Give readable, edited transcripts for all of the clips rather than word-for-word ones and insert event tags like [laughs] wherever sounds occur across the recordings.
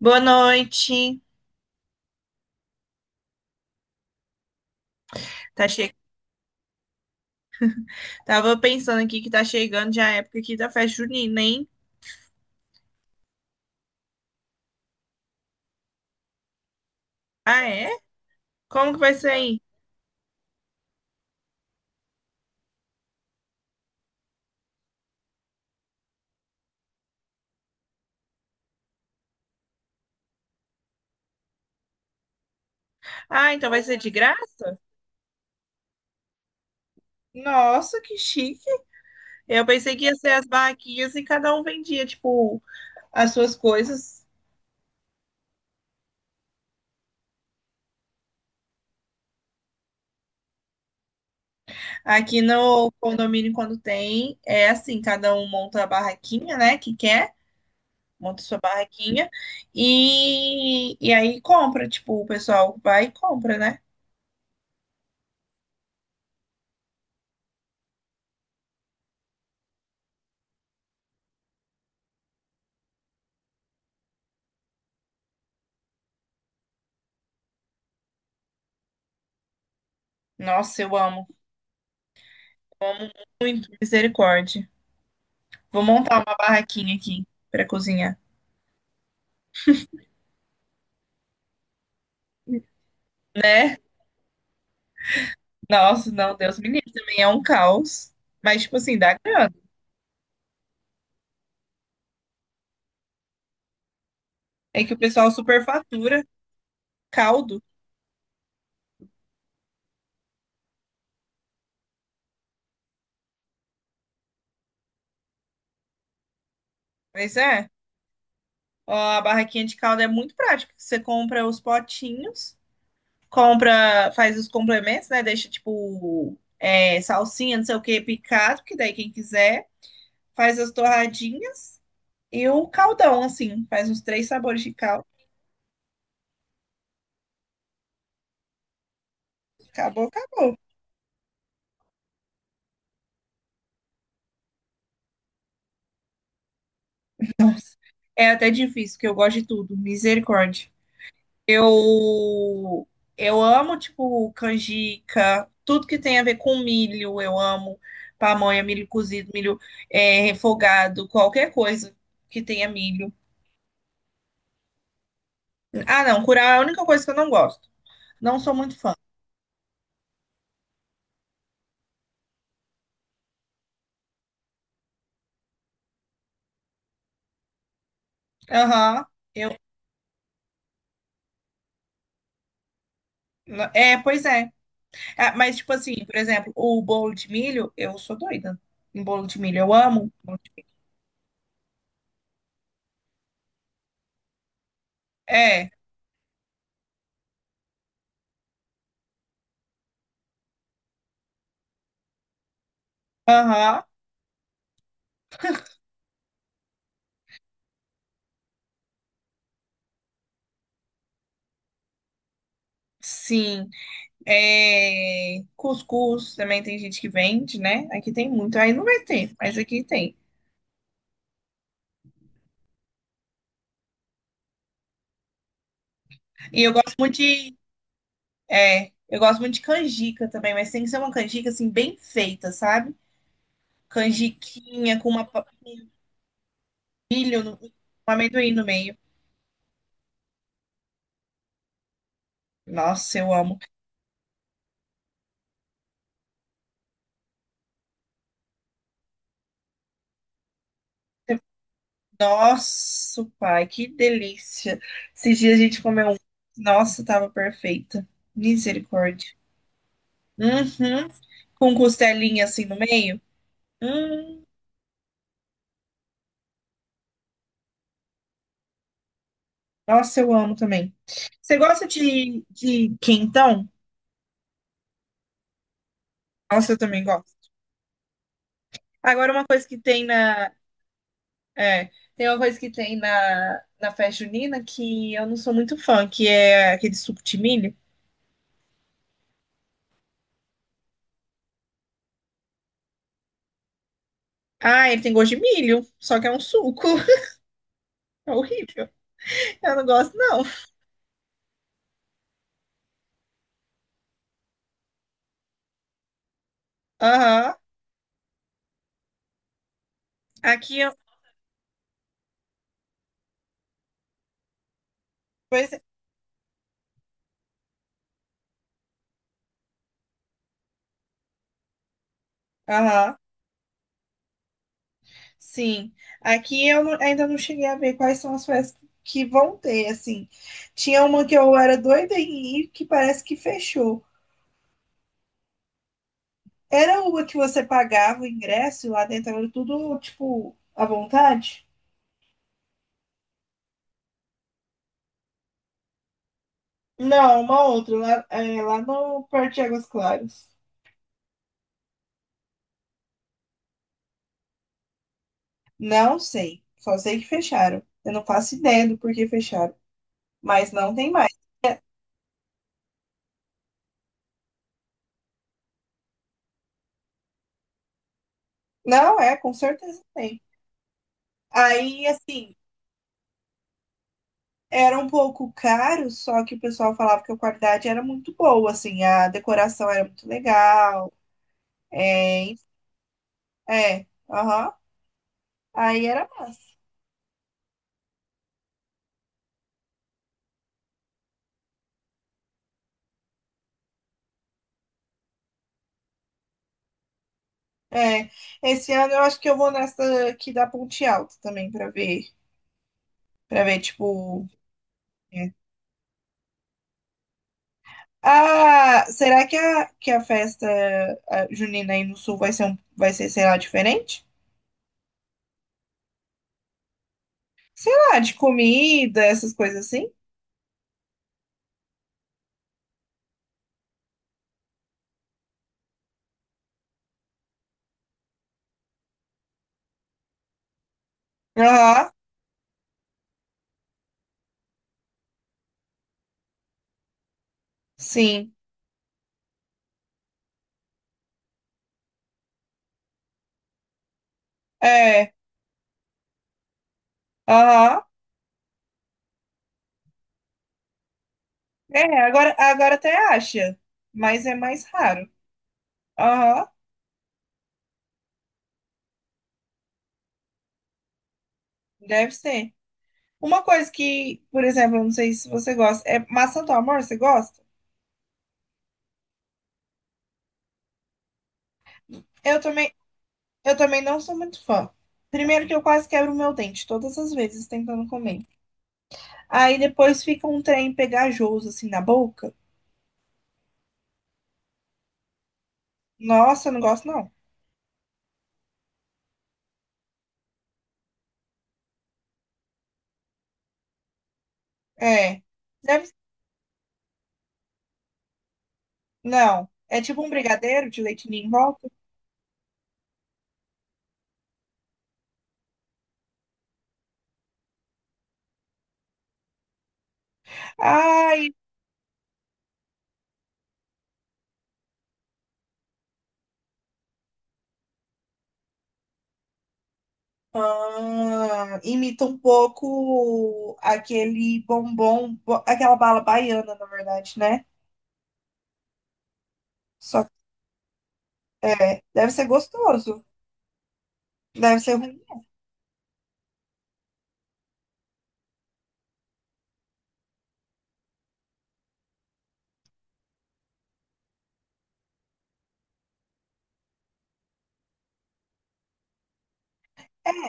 Boa noite. Tá che... Tava pensando aqui que tá chegando já a época aqui da festa junina, hein? Ah, é? Como que vai ser aí? Ah, então vai ser de graça? Nossa, que chique. Eu pensei que ia ser as barraquinhas e cada um vendia, tipo, as suas coisas. Aqui no condomínio, quando tem, é assim, cada um monta a barraquinha, né, que quer, monta sua barraquinha e aí compra, tipo, o pessoal vai e compra, né? Nossa, eu amo. Muito, misericórdia. Vou montar uma barraquinha aqui pra cozinhar. Né? Nossa, não, Deus me livre, também é um caos. Mas, tipo assim, dá grana. É que o pessoal superfatura caldo. Mas é, ó, a barraquinha de caldo é muito prática. Você compra os potinhos, compra, faz os complementos, né? Deixa, tipo, é, salsinha, não sei o que, picado, que daí quem quiser, faz as torradinhas e o caldão, assim. Faz uns três sabores de caldo. Acabou, acabou. É até difícil, porque eu gosto de tudo. Misericórdia. Eu eu amo, tipo, canjica, tudo que tem a ver com milho, eu amo. Pamonha, milho cozido, milho é, refogado, qualquer coisa que tenha milho. Ah, não, curau é a única coisa que eu não gosto. Não sou muito fã. Aham. Eu. É, pois é. Ah, mas, tipo assim, por exemplo, o bolo de milho, eu sou doida em bolo de milho. Eu amo. É. Aham. Sim. É, cuscuz também tem gente que vende, né? Aqui tem muito. Aí não vai ter, mas aqui tem. E eu gosto muito de, é, eu gosto muito de canjica também, mas tem que ser uma canjica assim bem feita, sabe? Canjiquinha com uma com um milho, com amendoim no meio. Nossa, eu amo. Nossa, pai, que delícia. Esses dias a gente comeu um. Nossa, tava perfeita. Misericórdia. Uhum. Com costelinha assim no meio. Hum. Nossa, eu amo também. Você gosta de quentão? Nossa, eu também gosto. Agora, uma coisa que tem na. É, tem uma coisa que tem na, na festa junina que eu não sou muito fã, que é aquele suco de milho. Ah, ele tem gosto de milho, só que é um suco. [laughs] É horrível. Eu não gosto, não. Aham. Aqui eu. Pois é. Aham. Sim. Aqui eu não- Ainda não cheguei a ver quais são as festas que vão ter, assim. Tinha uma que eu era doida em ir, que parece que fechou. Era uma que você pagava o ingresso e lá dentro era tudo, tipo, à vontade? Não, uma outra, lá, é, lá no Parque de Águas Claras. Não sei, só sei que fecharam. Eu não faço ideia do porquê fecharam, mas não tem mais. Não, é, com certeza tem. Aí, assim, era um pouco caro, só que o pessoal falava que a qualidade era muito boa, assim, a decoração era muito legal. É, aham. Aí era massa. É, esse ano eu acho que eu vou nessa aqui da Ponte Alta também pra ver, para ver tipo, é. Ah, será que a festa a junina aí no sul vai ser um, vai ser, sei lá, diferente? Ah, de comida, essas coisas assim? Aham, sim. É, aham. É, agora até acha, mas é mais raro. Aham, deve ser. Uma coisa que, por exemplo, eu não sei se você gosta, é maçã do amor, você gosta? Eu também Eu também não sou muito fã. Primeiro que eu quase quebro meu dente todas as vezes tentando comer. Aí depois fica um trem pegajoso assim na boca. Nossa, eu não gosto não. É. Deve... Não. É tipo um brigadeiro de leite ninho em volta. Ai, ah, imita um pouco aquele bombom, aquela bala baiana, na verdade, né? Só que é, deve ser gostoso. Deve ser ruim.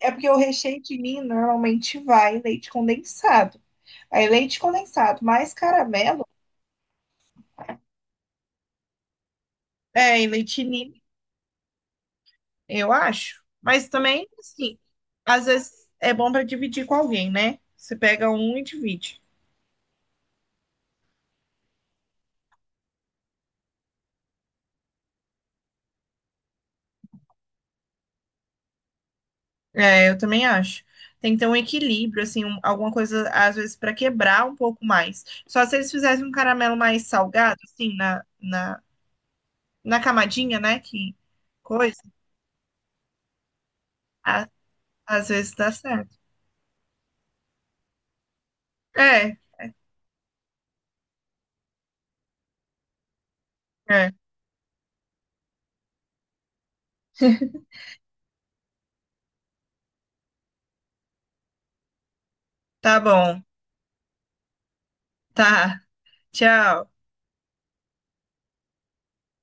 É porque o recheio de ninho normalmente vai leite condensado. Aí leite condensado, mais caramelo. É, e leite ninho, eu acho. Mas também, assim, às vezes é bom para dividir com alguém, né? Você pega um e divide. É, eu também acho. Tem que ter um equilíbrio, assim, um- alguma coisa, às vezes, para quebrar um pouco mais. Só se eles fizessem um caramelo mais salgado, assim, na camadinha, né? Que coisa. A- às vezes dá certo. É, é. Tá bom. Tá. Tchau.